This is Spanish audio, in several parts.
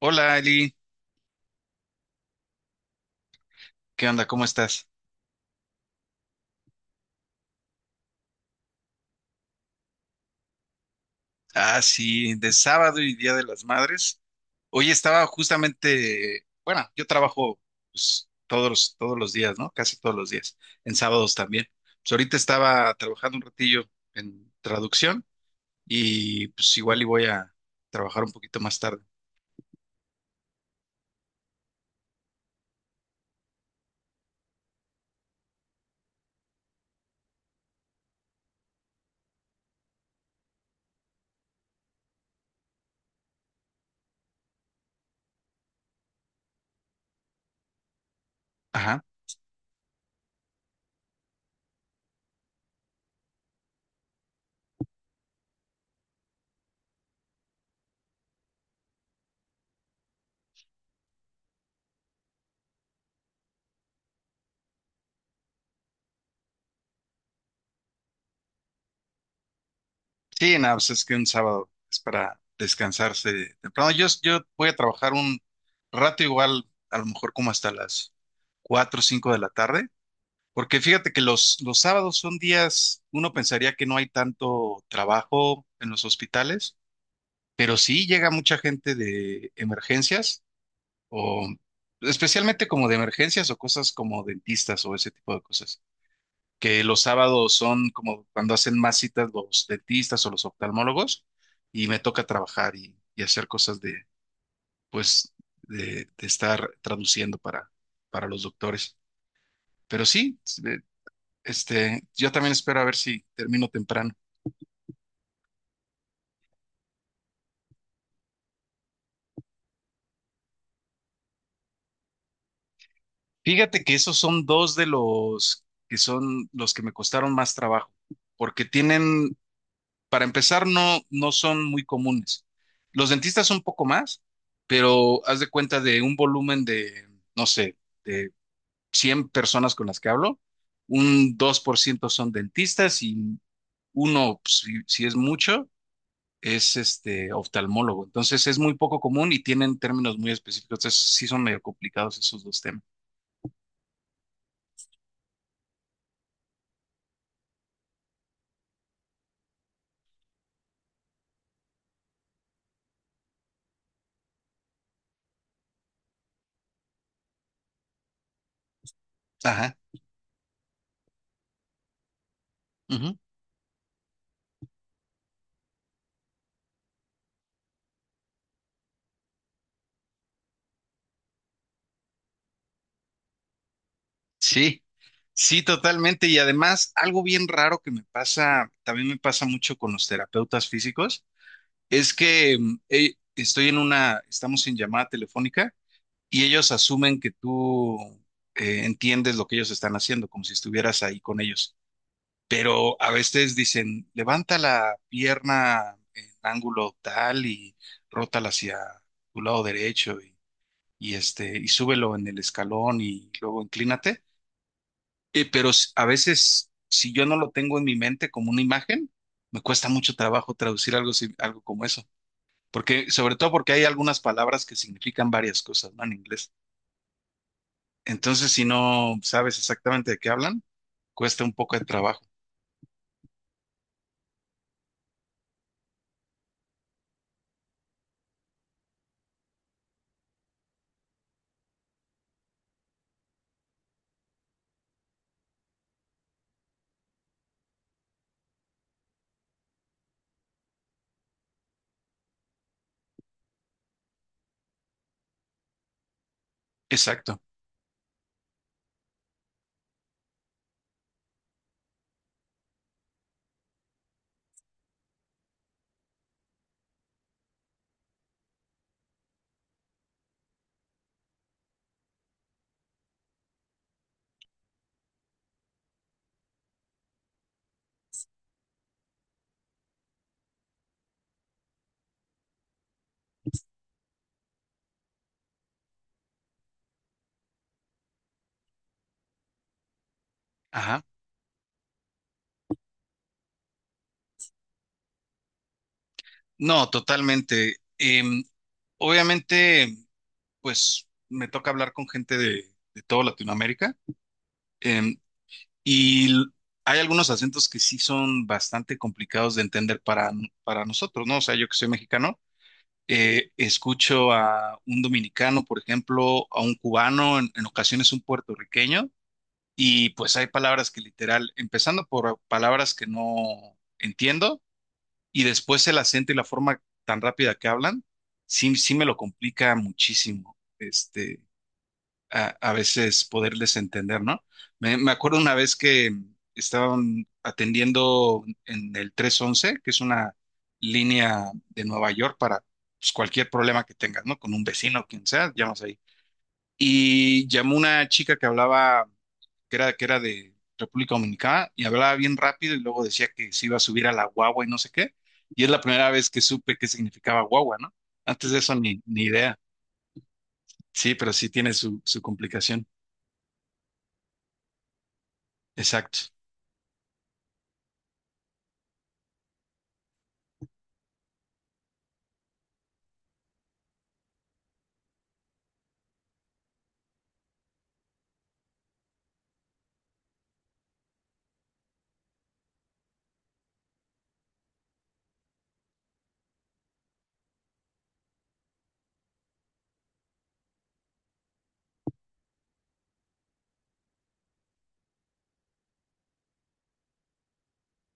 Hola Eli, ¿qué onda? ¿Cómo estás? Ah, sí, de sábado y Día de las Madres. Hoy estaba justamente, bueno, yo trabajo, pues, todos los días, ¿no? Casi todos los días, en sábados también. Pues ahorita estaba trabajando un ratillo en traducción, y pues igual y voy a trabajar un poquito más tarde. Ajá. Sí, nada, pues es que un sábado es para descansarse temprano. Yo voy a trabajar un rato igual, a lo mejor como hasta las 4 o 5 de la tarde. Porque fíjate que los sábados son días, uno pensaría que no hay tanto trabajo en los hospitales, pero sí llega mucha gente de emergencias, o especialmente como de emergencias o cosas como dentistas o ese tipo de cosas, que los sábados son como cuando hacen más citas los dentistas o los oftalmólogos, y me toca trabajar y hacer cosas de, pues, de estar traduciendo para los doctores. Pero sí. Yo también espero a ver si termino temprano. Fíjate que esos son dos de los que son los que me costaron más trabajo, porque tienen, para empezar, no, no son muy comunes. Los dentistas son un poco más, pero haz de cuenta de un volumen de, no sé, de 100 personas con las que hablo, un 2% son dentistas, y uno, pues, si, si es mucho, es este oftalmólogo. Entonces es muy poco común y tienen términos muy específicos. Entonces sí son medio complicados esos dos temas. Ajá. Ujú. Sí, sí, totalmente. Y además, algo bien raro que me pasa, también me pasa mucho con los terapeutas físicos, es que estoy estamos en llamada telefónica, y ellos asumen que tú entiendes lo que ellos están haciendo, como si estuvieras ahí con ellos. Pero a veces dicen, levanta la pierna en ángulo tal y rótala hacia tu lado derecho y, y súbelo en el escalón y luego inclínate. Pero a veces, si yo no lo tengo en mi mente como una imagen, me cuesta mucho trabajo traducir algo, algo como eso. Porque, sobre todo, porque hay algunas palabras que significan varias cosas, ¿no? En inglés. Entonces, si no sabes exactamente de qué hablan, cuesta un poco de trabajo. Exacto. Ajá. No, totalmente. Obviamente, pues me toca hablar con gente de toda Latinoamérica. em, y l- Hay algunos acentos que sí son bastante complicados de entender para, para nosotros, ¿no? O sea, yo que soy mexicano, escucho a un dominicano, por ejemplo, a un cubano, en ocasiones un puertorriqueño, y pues hay palabras que literal, empezando por palabras que no entiendo, y después el acento y la forma tan rápida que hablan, sí, sí me lo complica muchísimo. A veces poderles entender, ¿no? Me acuerdo una vez que estaban atendiendo en el 311, que es una línea de Nueva York para, pues, cualquier problema que tengas, ¿no? Con un vecino, quien sea, llamas ahí, y llamó una chica que hablaba, que era de República Dominicana, y hablaba bien rápido y luego decía que se iba a subir a la guagua y no sé qué. Y es la primera vez que supe qué significaba guagua, ¿no? Antes de eso, ni idea. Sí, pero sí tiene su complicación. Exacto.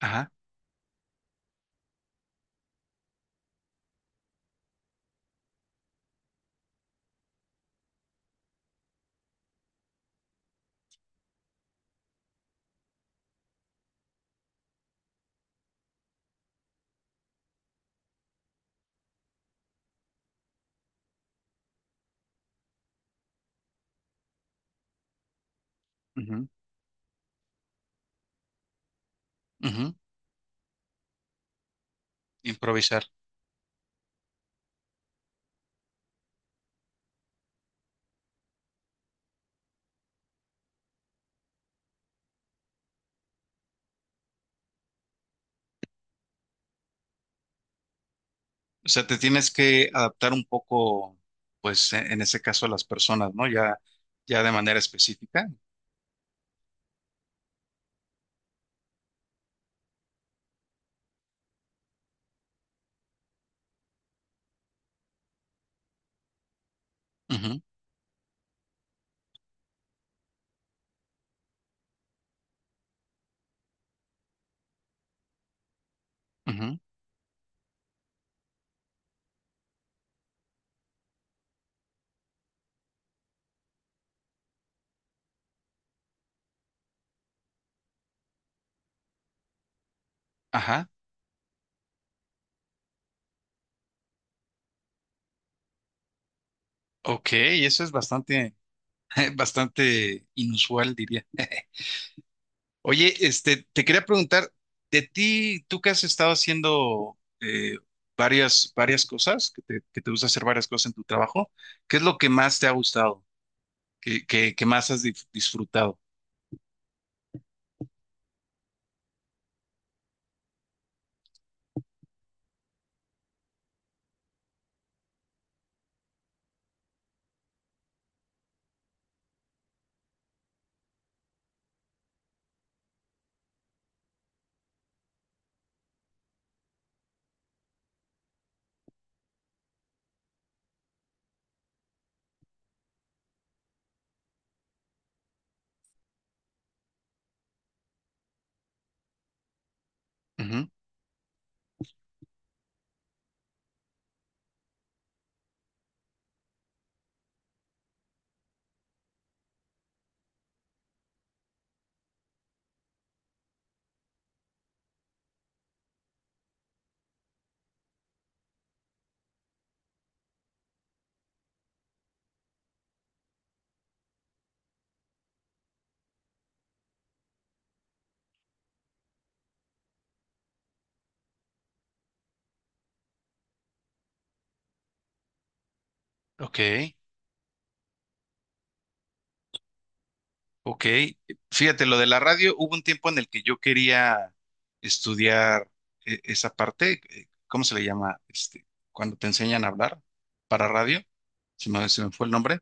Ajá. Ujú, ujú. Improvisar. O sea, te tienes que adaptar un poco, pues, en ese caso, a las personas, ¿no? Ya, ya de manera específica. Ujú, ujú. Ajá. Ok, eso es bastante. Bastante inusual, diría. Oye, te quería preguntar, de ti, tú que has estado haciendo varias, varias cosas, que te gusta hacer varias cosas en tu trabajo, ¿qué es lo que más te ha gustado? ¿Qué más has disfrutado? Ujú. Ok. Ok, fíjate, lo de la radio. Hubo un tiempo en el que yo quería estudiar esa parte. Eh, ¿cómo se le llama? Cuando te enseñan a hablar para radio, se me fue el nombre.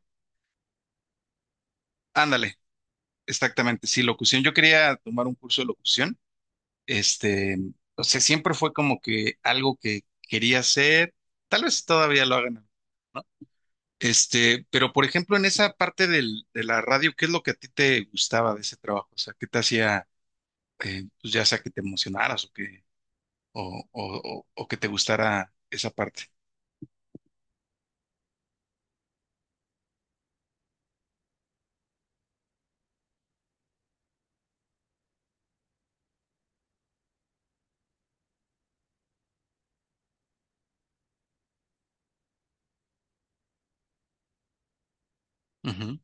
Ándale, exactamente, sí, locución. Yo quería tomar un curso de locución. este, o sea, siempre fue como que algo que quería hacer, tal vez todavía lo hagan, ¿no? Pero, por ejemplo, en esa parte de la radio, ¿qué es lo que a ti te gustaba de ese trabajo? O sea, ¿qué te hacía? Pues, ya sea que te emocionaras, o que, o que te gustara esa parte. Ujú.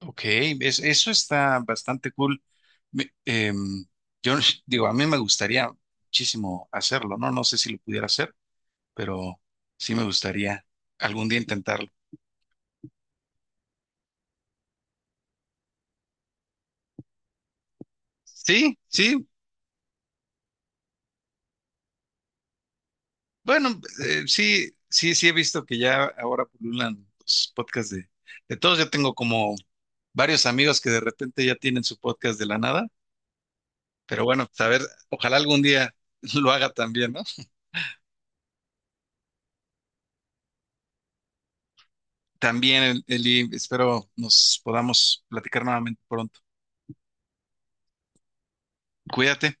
Ok, eso está bastante cool. Me- em, yo digo, a mí me gustaría muchísimo hacerlo, ¿no? No sé si lo pudiera hacer, pero sí me gustaría algún día intentarlo. Sí, sí, bueno, sí, sí, sí he visto que ya ahora pululan los podcasts de todos. Yo tengo como varios amigos que de repente ya tienen su podcast de la nada. Pero bueno, pues, a ver, ojalá algún día lo haga también, ¿no? También, Eli, espero nos podamos platicar nuevamente pronto. Cuídate.